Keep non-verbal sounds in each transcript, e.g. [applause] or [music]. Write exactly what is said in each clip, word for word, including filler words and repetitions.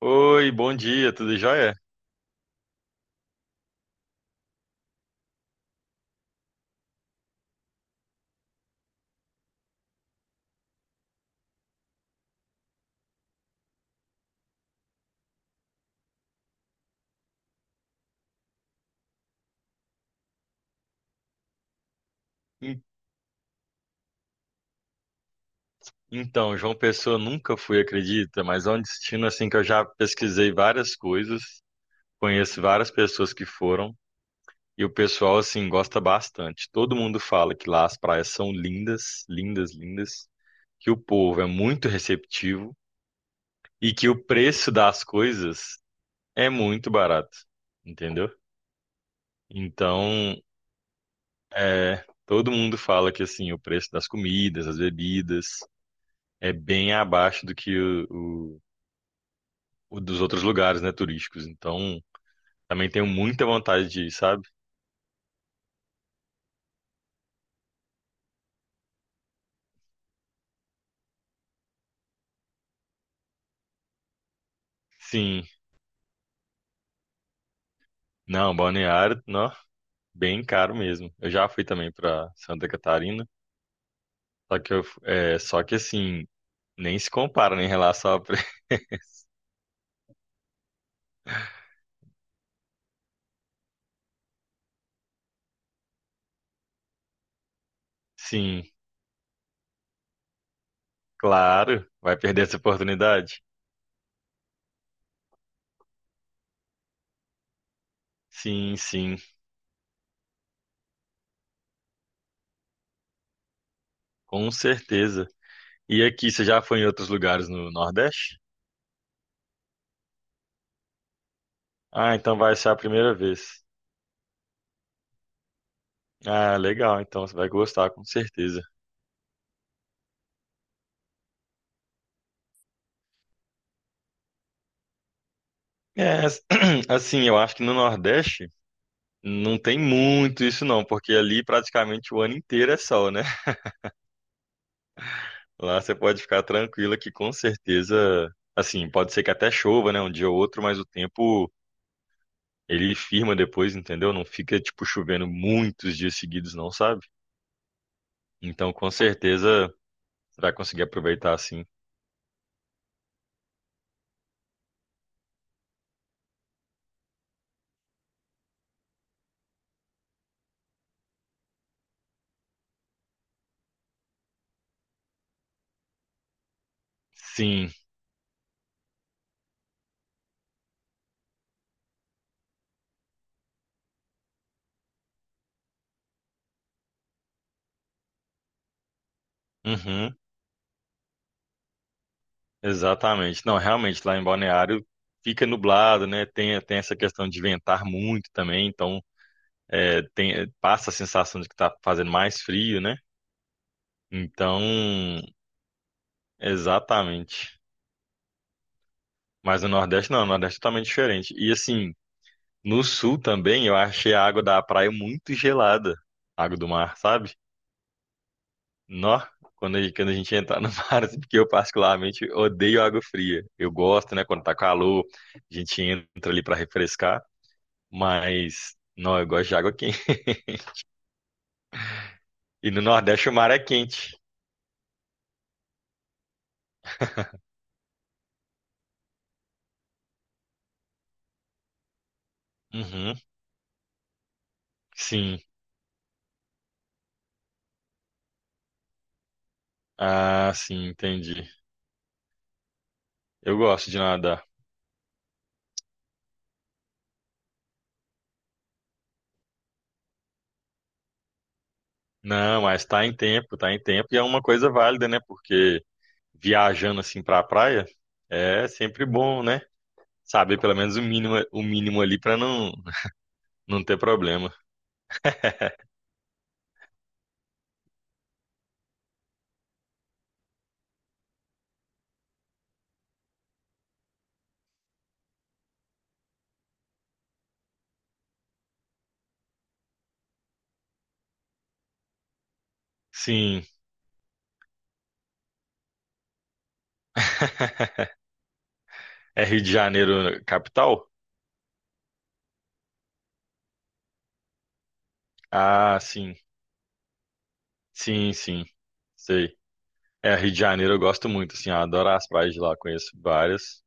Oi, bom dia, tudo jóia? En- Então, João Pessoa nunca fui, acredita, mas é um destino assim que eu já pesquisei várias coisas, conheço várias pessoas que foram e o pessoal assim gosta bastante. Todo mundo fala que lá as praias são lindas, lindas, lindas, que o povo é muito receptivo e que o preço das coisas é muito barato, entendeu? Então, é, todo mundo fala que assim o preço das comidas, das bebidas é bem abaixo do que o, o- o dos outros lugares, né, turísticos. Então, também tenho muita vontade de ir, sabe? Sim. Não, Balneário, não, bem caro mesmo. Eu já fui também para Santa Catarina, só que eu, é, só que assim, nem se compara né, em relação a pre- [laughs] Sim, claro, vai perder essa oportunidade. Sim, sim, com certeza. E aqui, você já foi em outros lugares no Nordeste? Ah, então vai ser a primeira vez. Ah, legal, então você vai gostar, com certeza. É, as- [clears throat] assim, eu acho que no Nordeste não tem muito isso não, porque ali praticamente o ano inteiro é sol, né? [laughs] Lá você pode ficar tranquila que com certeza, assim, pode ser que até chova, né, um dia ou outro, mas o tempo ele firma depois, entendeu? Não fica tipo chovendo muitos dias seguidos não, sabe? Então, com certeza você vai conseguir aproveitar assim. Sim. Uhum. Exatamente. Não, realmente lá em Balneário fica nublado, né? Tem, tem essa questão de ventar muito também, então é, tem- passa a sensação de que tá fazendo mais frio, né? Então, exatamente. Mas no Nordeste não, no Nordeste é totalmente diferente. E assim, no Sul também eu achei a água da praia muito gelada, água do mar, sabe? Nó, quando a, quando a gente entra no [laughs] mar, assim, porque eu particularmente odeio água fria. Eu gosto, né, quando tá calor, a gente entra ali pra refrescar, mas não, eu gosto de água quente. [laughs] E no Nordeste o mar é quente. Uhum, sim. Ah, sim, entendi. Eu gosto de nadar. Não, mas tá em tempo, tá em tempo e é uma coisa válida, né? Porque viajando assim pra praia é sempre bom, né? Saber pelo menos o mínimo, o mínimo ali pra não não ter problema. Sim, [laughs] é Rio de Janeiro capital? Ah, sim. Sim, sim. Sei. É, Rio de Janeiro eu gosto muito, assim, eu adoro as praias de lá, conheço várias.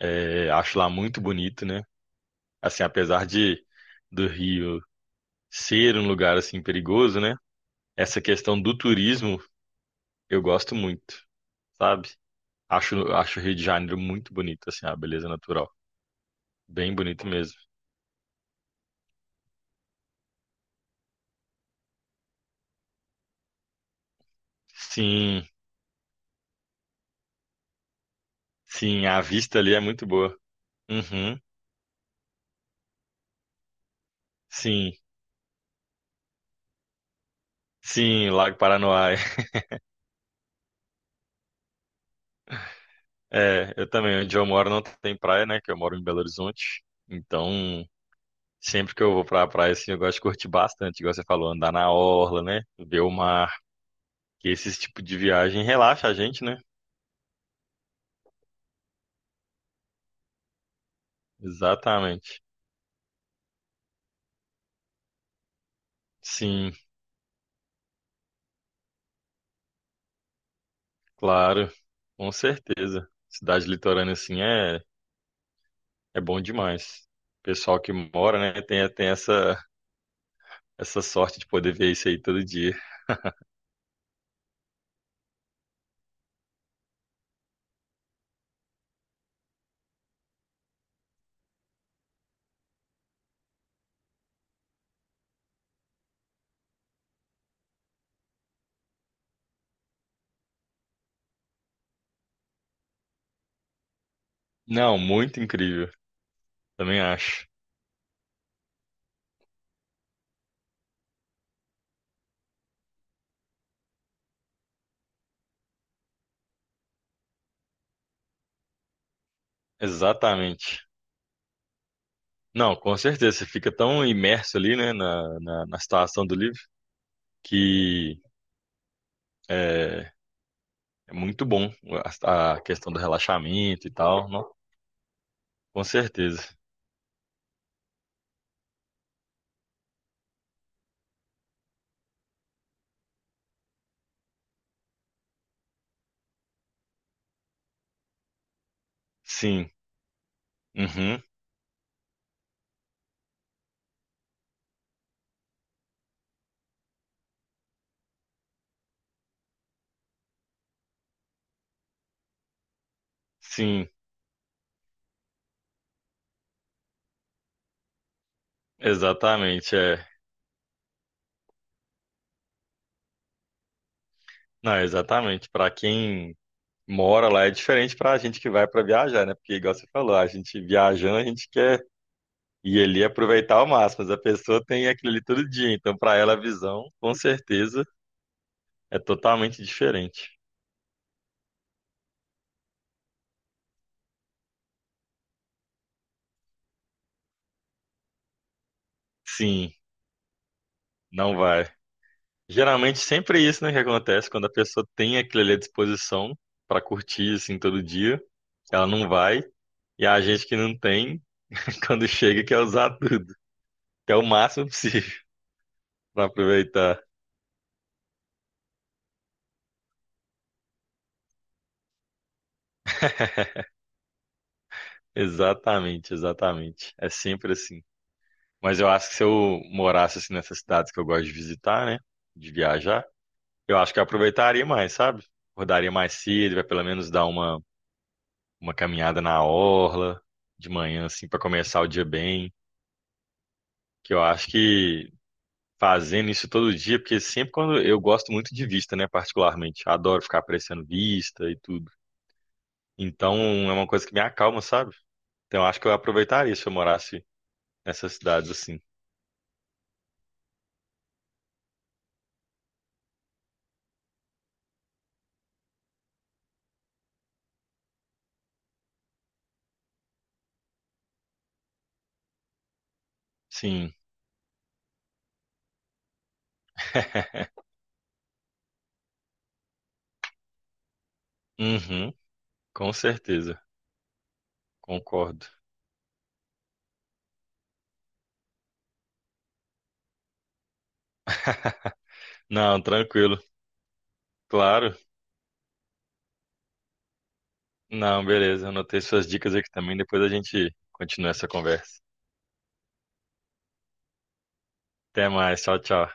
É, acho lá muito bonito, né? Assim, apesar de do Rio ser um lugar assim perigoso, né? Essa questão do turismo, eu gosto muito, sabe? Acho, acho o Rio de Janeiro muito bonito, assim, a beleza natural. Bem bonito mesmo. Sim, sim, a vista ali é muito boa. Uhum, sim, sim, Lago Paranoá. [laughs] É, eu também, onde eu moro não tem praia, né? Que eu moro em Belo Horizonte. Então, sempre que eu vou pra praia, assim, eu gosto de curtir bastante, igual você falou, andar na orla, né? Ver o mar, que esse tipo de viagem relaxa a gente, né? Exatamente. Sim. Claro, com certeza. Cidade litorânea assim é, é bom demais. Pessoal que mora, né, tem, tem essa, essa sorte de poder ver isso aí todo dia. Não, muito incrível, também acho. Exatamente. Não, com certeza, você fica tão imerso ali, né, na, na, na situação do livro, que é, é muito bom a, a questão do relaxamento e tal, não? Com certeza. Sim, uhum, sim, exatamente, é. Não, exatamente, para quem mora lá é diferente para a gente que vai para viajar, né? Porque, igual você falou, a gente viajando, a gente quer ir ali e aproveitar ao máximo, mas a pessoa tem aquilo ali todo dia, então para ela a visão, com certeza, é totalmente diferente. Sim, não vai. Geralmente sempre é isso, né, que acontece quando a pessoa tem aquilo ali à disposição para curtir assim todo dia, ela não vai. E a gente que não tem, [laughs] quando chega, quer usar tudo, quer o máximo possível para aproveitar. Exatamente, exatamente. É sempre assim. Mas eu acho que se eu morasse assim nessas cidades que eu gosto de visitar, né? De viajar, eu acho que eu aproveitaria mais, sabe? Acordaria mais cedo, vai pelo menos dar uma, uma caminhada na orla de manhã, assim, para começar o dia bem. Que eu acho que fazendo isso todo dia, porque sempre quando eu gosto muito de vista, né? Particularmente, adoro ficar apreciando vista e tudo. Então é uma coisa que me acalma, sabe? Então eu acho que eu aproveitaria se eu morasse nessas cidades assim. Sim, [laughs] uhum, com certeza, concordo. [laughs] Não, tranquilo. Claro. Não, beleza. Anotei suas dicas aqui também. Depois a gente continua essa conversa. Até mais. Tchau, tchau.